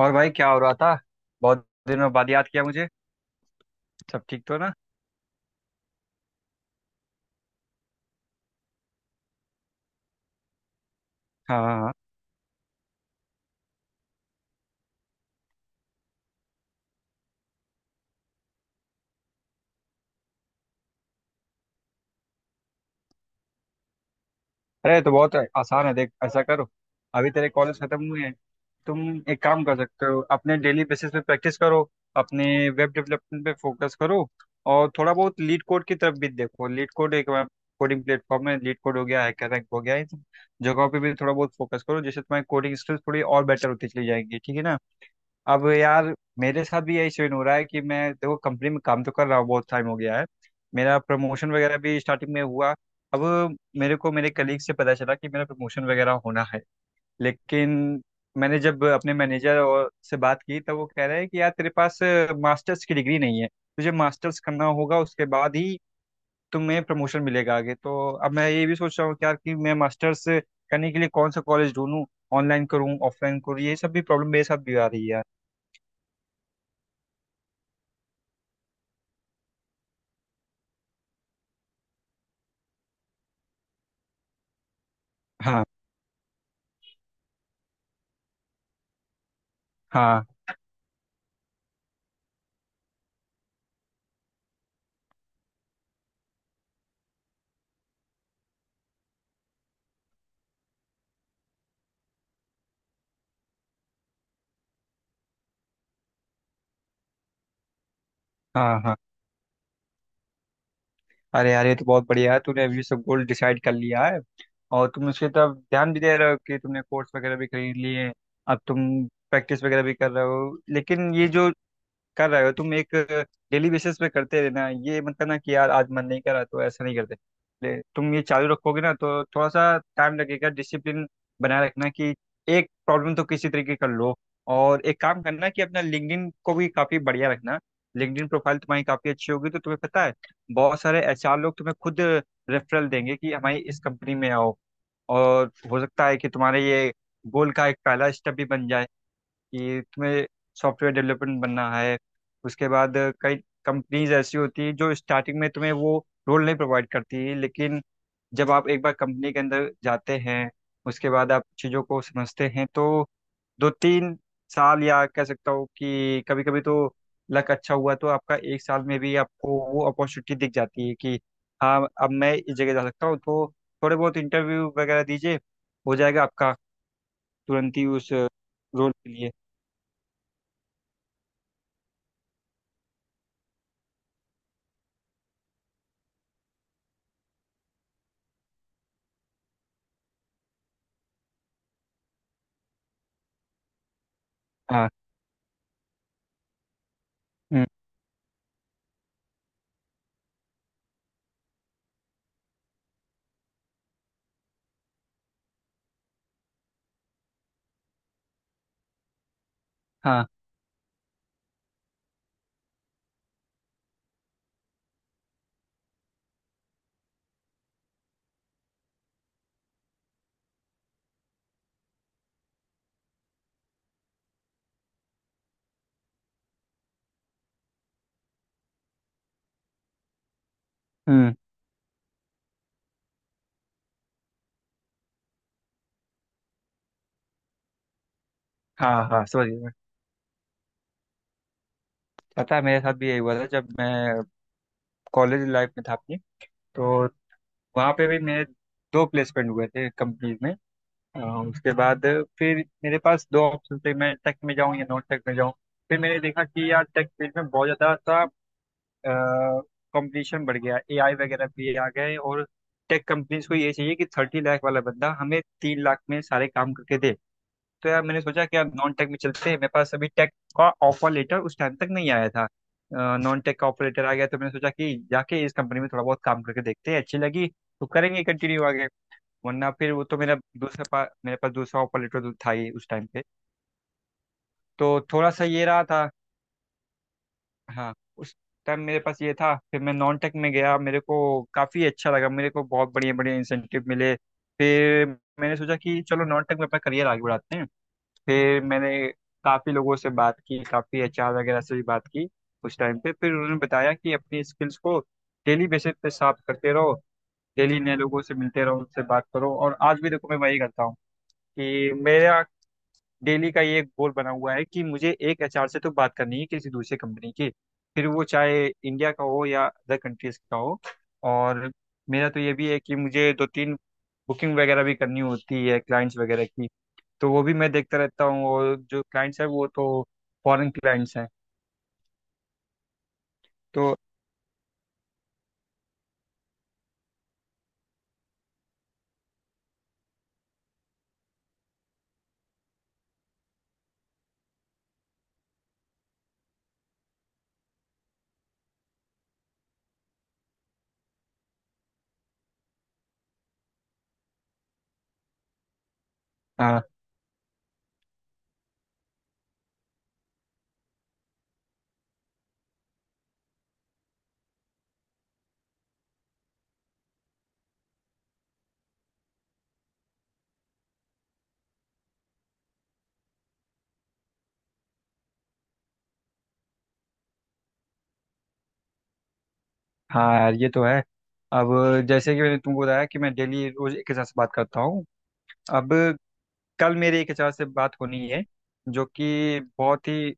और भाई, क्या हो रहा था? बहुत दिनों बाद याद किया मुझे। सब ठीक तो ना? हाँ हाँ हाँ। अरे, ये तो बहुत आसान है। देख, ऐसा करो, अभी तेरे कॉलेज खत्म हुए हैं, तुम एक काम कर सकते हो, अपने डेली बेसिस पे प्रैक्टिस करो। अपने वेब डेवलपमेंट पे फोकस करो और थोड़ा बहुत लीड कोड की तरफ भी देखो। लीड कोड एक कोडिंग प्लेटफॉर्म है। लीड कोड हो गया है, रैंक हो गया है, इन सब जगहों पे भी थोड़ा बहुत फोकस करो जिससे तुम्हारी कोडिंग स्किल्स थोड़ी और बेटर होती चली जाएंगी। ठीक है ना? अब यार, मेरे साथ भी यही सीन हो रहा है कि मैं, देखो, कंपनी में काम तो कर रहा हूँ, बहुत टाइम हो गया है। मेरा प्रमोशन वगैरह भी स्टार्टिंग में हुआ। अब मेरे को मेरे कलीग से पता चला कि मेरा प्रमोशन वगैरह होना है, लेकिन मैंने जब अपने मैनेजर और से बात की तब वो कह रहे हैं कि यार, तेरे पास मास्टर्स की डिग्री नहीं है, तुझे मास्टर्स करना होगा, उसके बाद ही तुम्हें प्रमोशन मिलेगा आगे। तो अब मैं ये भी सोच रहा हूँ कि यार, कि मैं मास्टर्स करने के लिए कौन सा कॉलेज ढूंढूं? ऑनलाइन करूँ, ऑफलाइन करूँ, ये सब भी प्रॉब्लम मेरे साथ भी आ रही है। हाँ, हाँ, हाँ, हाँ। अरे यार, ये तो बहुत बढ़िया है। तूने अभी सब गोल डिसाइड कर लिया है और तुम उसके तरफ ध्यान भी दे रहे हो कि तुमने कोर्स वगैरह भी खरीद लिए हैं। अब तुम प्रैक्टिस वगैरह भी कर रहे हो, लेकिन ये जो कर रहे हो तुम, एक डेली बेसिस पे करते रहना। ये मत करना कि यार आज मन नहीं करा तो ऐसा नहीं करते। तुम ये चालू रखोगे ना, तो थोड़ा सा टाइम लगेगा। डिसिप्लिन बनाए रखना कि एक प्रॉब्लम तो किसी तरीके कर लो। और एक काम करना कि अपना लिंक्डइन को भी काफ़ी बढ़िया रखना। लिंक्डइन प्रोफाइल तुम्हारी काफ़ी अच्छी होगी तो तुम्हें पता है, बहुत सारे एचआर लोग तुम्हें खुद रेफरल देंगे कि हमारी इस कंपनी में आओ। और हो सकता है कि तुम्हारे ये गोल का एक पहला स्टेप भी बन जाए कि तुम्हें सॉफ्टवेयर डेवलपमेंट बनना है। उसके बाद कई कंपनीज ऐसी होती है जो स्टार्टिंग में तुम्हें वो रोल नहीं प्रोवाइड करती, लेकिन जब आप एक बार कंपनी के अंदर जाते हैं, उसके बाद आप चीज़ों को समझते हैं, तो 2-3 साल, या कह सकता हूँ कि कभी कभी तो लक अच्छा हुआ तो आपका 1 साल में भी आपको वो अपॉर्चुनिटी दिख जाती है कि हाँ, अब मैं इस जगह जा सकता हूँ। तो थोड़े बहुत इंटरव्यू वगैरह दीजिए, हो जाएगा आपका तुरंत ही उस रोल के लिए। हाँ। हम्म। हाँ। हम्म। हाँ हाँ, समझ गया मैं। पता है, मेरे साथ भी यही हुआ था जब मैं कॉलेज लाइफ में था अपनी। तो वहाँ पे भी मेरे दो प्लेसमेंट हुए थे कंपनीज में। अ, उसके बाद फिर मेरे पास दो ऑप्शन थे, मैं टेक में जाऊँ या नॉन टेक में जाऊँ। फिर मैंने देखा कि यार, टेक फील्ड में बहुत ज़्यादा सा कंपटीशन बढ़ गया, एआई वगैरह भी आ गए, और टेक कंपनीज को ये चाहिए कि 30 लाख वाला बंदा हमें 3 लाख में सारे काम करके दे। तो यार मैंने सोचा कि यार, नॉन टेक में चलते हैं। मेरे पास अभी टेक का ऑफर लेटर उस टाइम तक नहीं आया था, नॉन टेक का ऑफर लेटर आ गया। तो मैंने सोचा कि जाके इस कंपनी में थोड़ा बहुत काम करके देखते हैं, अच्छी लगी तो करेंगे कंटिन्यू आगे, वरना फिर वो तो मेरा मेरे पास दूसरा ऑफर लेटर था ही उस टाइम पे। तो थोड़ा सा ये रहा था। हाँ, उस टाइम मेरे पास ये था। फिर मैं नॉन टेक में गया, मेरे को काफ़ी अच्छा लगा, मेरे को बहुत बढ़िया बढ़िया इंसेंटिव मिले। फिर मैंने सोचा कि चलो नॉन टेक में अपना करियर आगे बढ़ाते हैं। फिर मैंने काफ़ी लोगों से बात की, काफ़ी एचआर वगैरह से भी बात की उस टाइम पे। फिर उन्होंने बताया कि अपनी स्किल्स को डेली बेसिस पे साफ करते रहो, डेली नए लोगों से मिलते रहो, उनसे बात करो। और आज भी देखो मैं वही करता हूँ कि मेरा डेली का ये एक गोल बना हुआ है कि मुझे एक एचआर से तो बात करनी है किसी दूसरी कंपनी की। फिर वो चाहे इंडिया का हो या अदर कंट्रीज का हो। और मेरा तो ये भी है कि मुझे दो तीन बुकिंग वगैरह भी करनी होती है क्लाइंट्स वगैरह की। तो वो भी मैं देखता रहता हूँ, और जो क्लाइंट्स है वो तो फॉरेन क्लाइंट्स हैं तो। हाँ हाँ, यार ये तो है। अब जैसे कि मैंने तुमको बताया कि मैं डेली रोज एक एचआर से बात करता हूँ। अब कल मेरे एक एचआर से बात होनी है, जो कि बहुत ही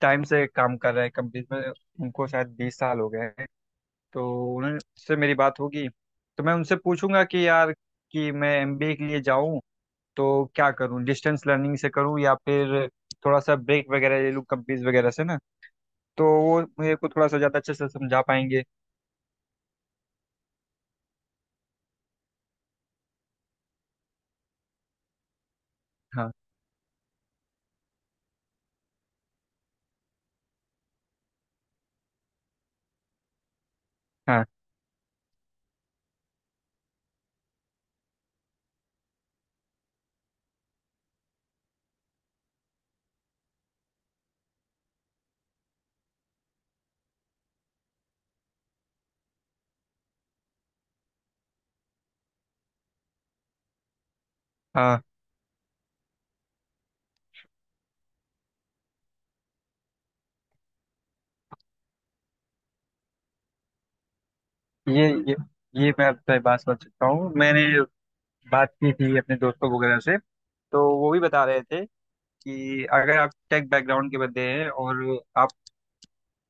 टाइम से काम कर रहे हैं कंपनी में। उनको शायद 20 साल हो गए हैं। तो उनसे मेरी बात होगी, तो मैं उनसे पूछूंगा कि यार, कि मैं एमबीए के लिए जाऊं तो क्या करूं? डिस्टेंस लर्निंग से करूं या फिर थोड़ा सा ब्रेक वगैरह ले लूं कंपनीज वगैरह से ना? तो वो मेरे को थोड़ा सा ज़्यादा अच्छे से समझा पाएंगे। हाँ हाँ हाँ। ये ये ये मैं आपसे बात कर सकता हूँ। मैंने बात की थी अपने दोस्तों वगैरह से, तो वो भी बता रहे थे कि अगर आप टेक बैकग्राउंड के बंदे हैं और आप,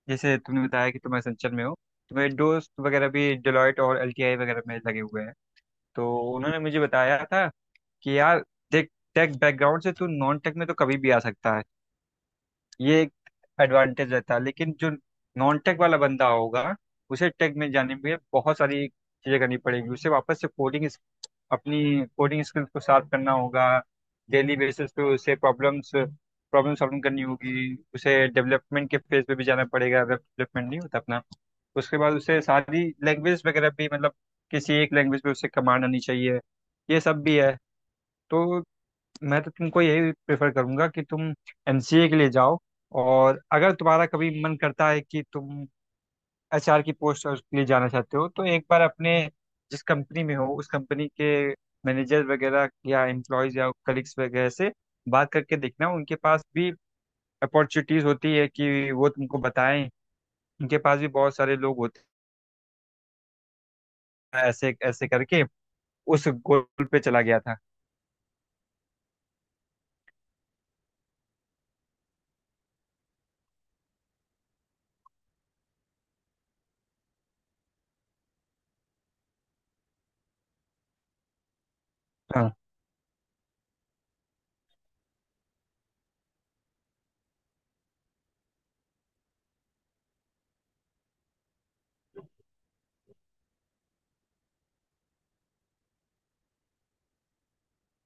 जैसे तुमने बताया कि तुम एसेंचर में हो, तो मेरे दोस्त वगैरह भी डेलॉयट और एलटीआई वगैरह में लगे हुए हैं। तो उन्होंने मुझे बताया था कि यार देख, टेक बैकग्राउंड से तू नॉन टेक में तो कभी भी आ सकता है, ये एक एडवांटेज रहता है। लेकिन जो नॉन टेक वाला बंदा होगा, उसे टेक में जाने के लिए बहुत सारी चीजें करनी पड़ेगी, उसे वापस से कोडिंग, अपनी कोडिंग स्किल्स को शार्प करना होगा। डेली बेसिस पे उसे प्रॉब्लम सॉल्विंग करनी होगी, उसे डेवलपमेंट के फेज पे भी जाना पड़ेगा, डेवलपमेंट नहीं होता अपना। उसके बाद उसे सारी लैंग्वेज वगैरह भी, मतलब किसी एक लैंग्वेज पे उसे कमांड आनी चाहिए। ये सब भी है। तो मैं तो तुमको यही प्रेफर करूंगा कि तुम एमसीए के लिए जाओ। और अगर तुम्हारा कभी मन करता है कि तुम एचआर की पोस्ट के लिए जाना चाहते हो, तो एक बार अपने जिस कंपनी में हो उस कंपनी के मैनेजर वगैरह या एम्प्लॉयज या कलीग्स वगैरह से बात करके देखना। उनके पास भी अपॉर्चुनिटीज होती है कि वो तुमको बताएं, उनके पास भी बहुत सारे लोग होते हैं ऐसे ऐसे करके उस गोल पे चला गया था। हाँ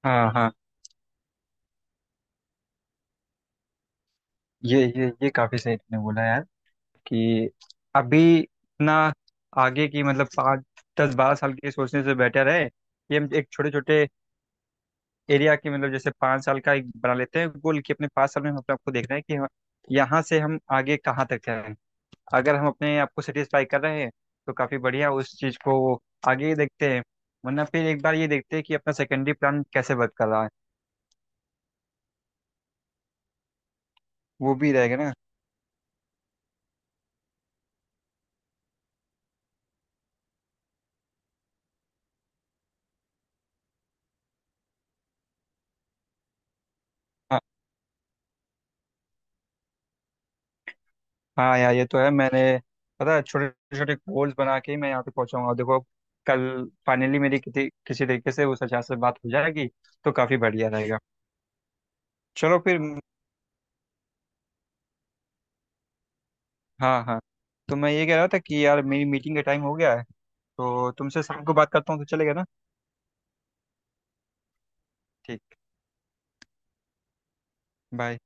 हाँ हाँ। ये काफी सही तुमने बोला यार, कि अभी इतना आगे की मतलब 5, 10, 12 साल की सोचने से बेटर है कि हम एक छोटे छोटे एरिया के, मतलब जैसे 5 साल का एक बना लेते हैं गोल, कि अपने 5 साल में हम अपने आपको देखना है कि हम यहाँ से हम आगे कहाँ तक जाएं। अगर हम अपने आप को सेटिस्फाई कर रहे हैं तो काफ़ी बढ़िया, उस चीज़ को आगे ही देखते हैं। वरना फिर एक बार ये देखते हैं कि अपना सेकेंडरी प्लान कैसे वर्क कर रहा है। वो भी रहेगा ना। हाँ यार ये तो है। मैंने, पता है, छोटे छोटे गोल्स बना के ही मैं यहाँ पे पहुंचा हूँ। और देखो, कल फाइनली मेरी किसी किसी तरीके से उस आचार्य से बात हो जाएगी, तो काफ़ी बढ़िया रहेगा। चलो फिर। हाँ हाँ। तो मैं ये कह रहा था कि यार, मेरी मीटिंग का टाइम हो गया है, तो तुमसे शाम को बात करता हूँ, तो चलेगा ना? ठीक, बाय।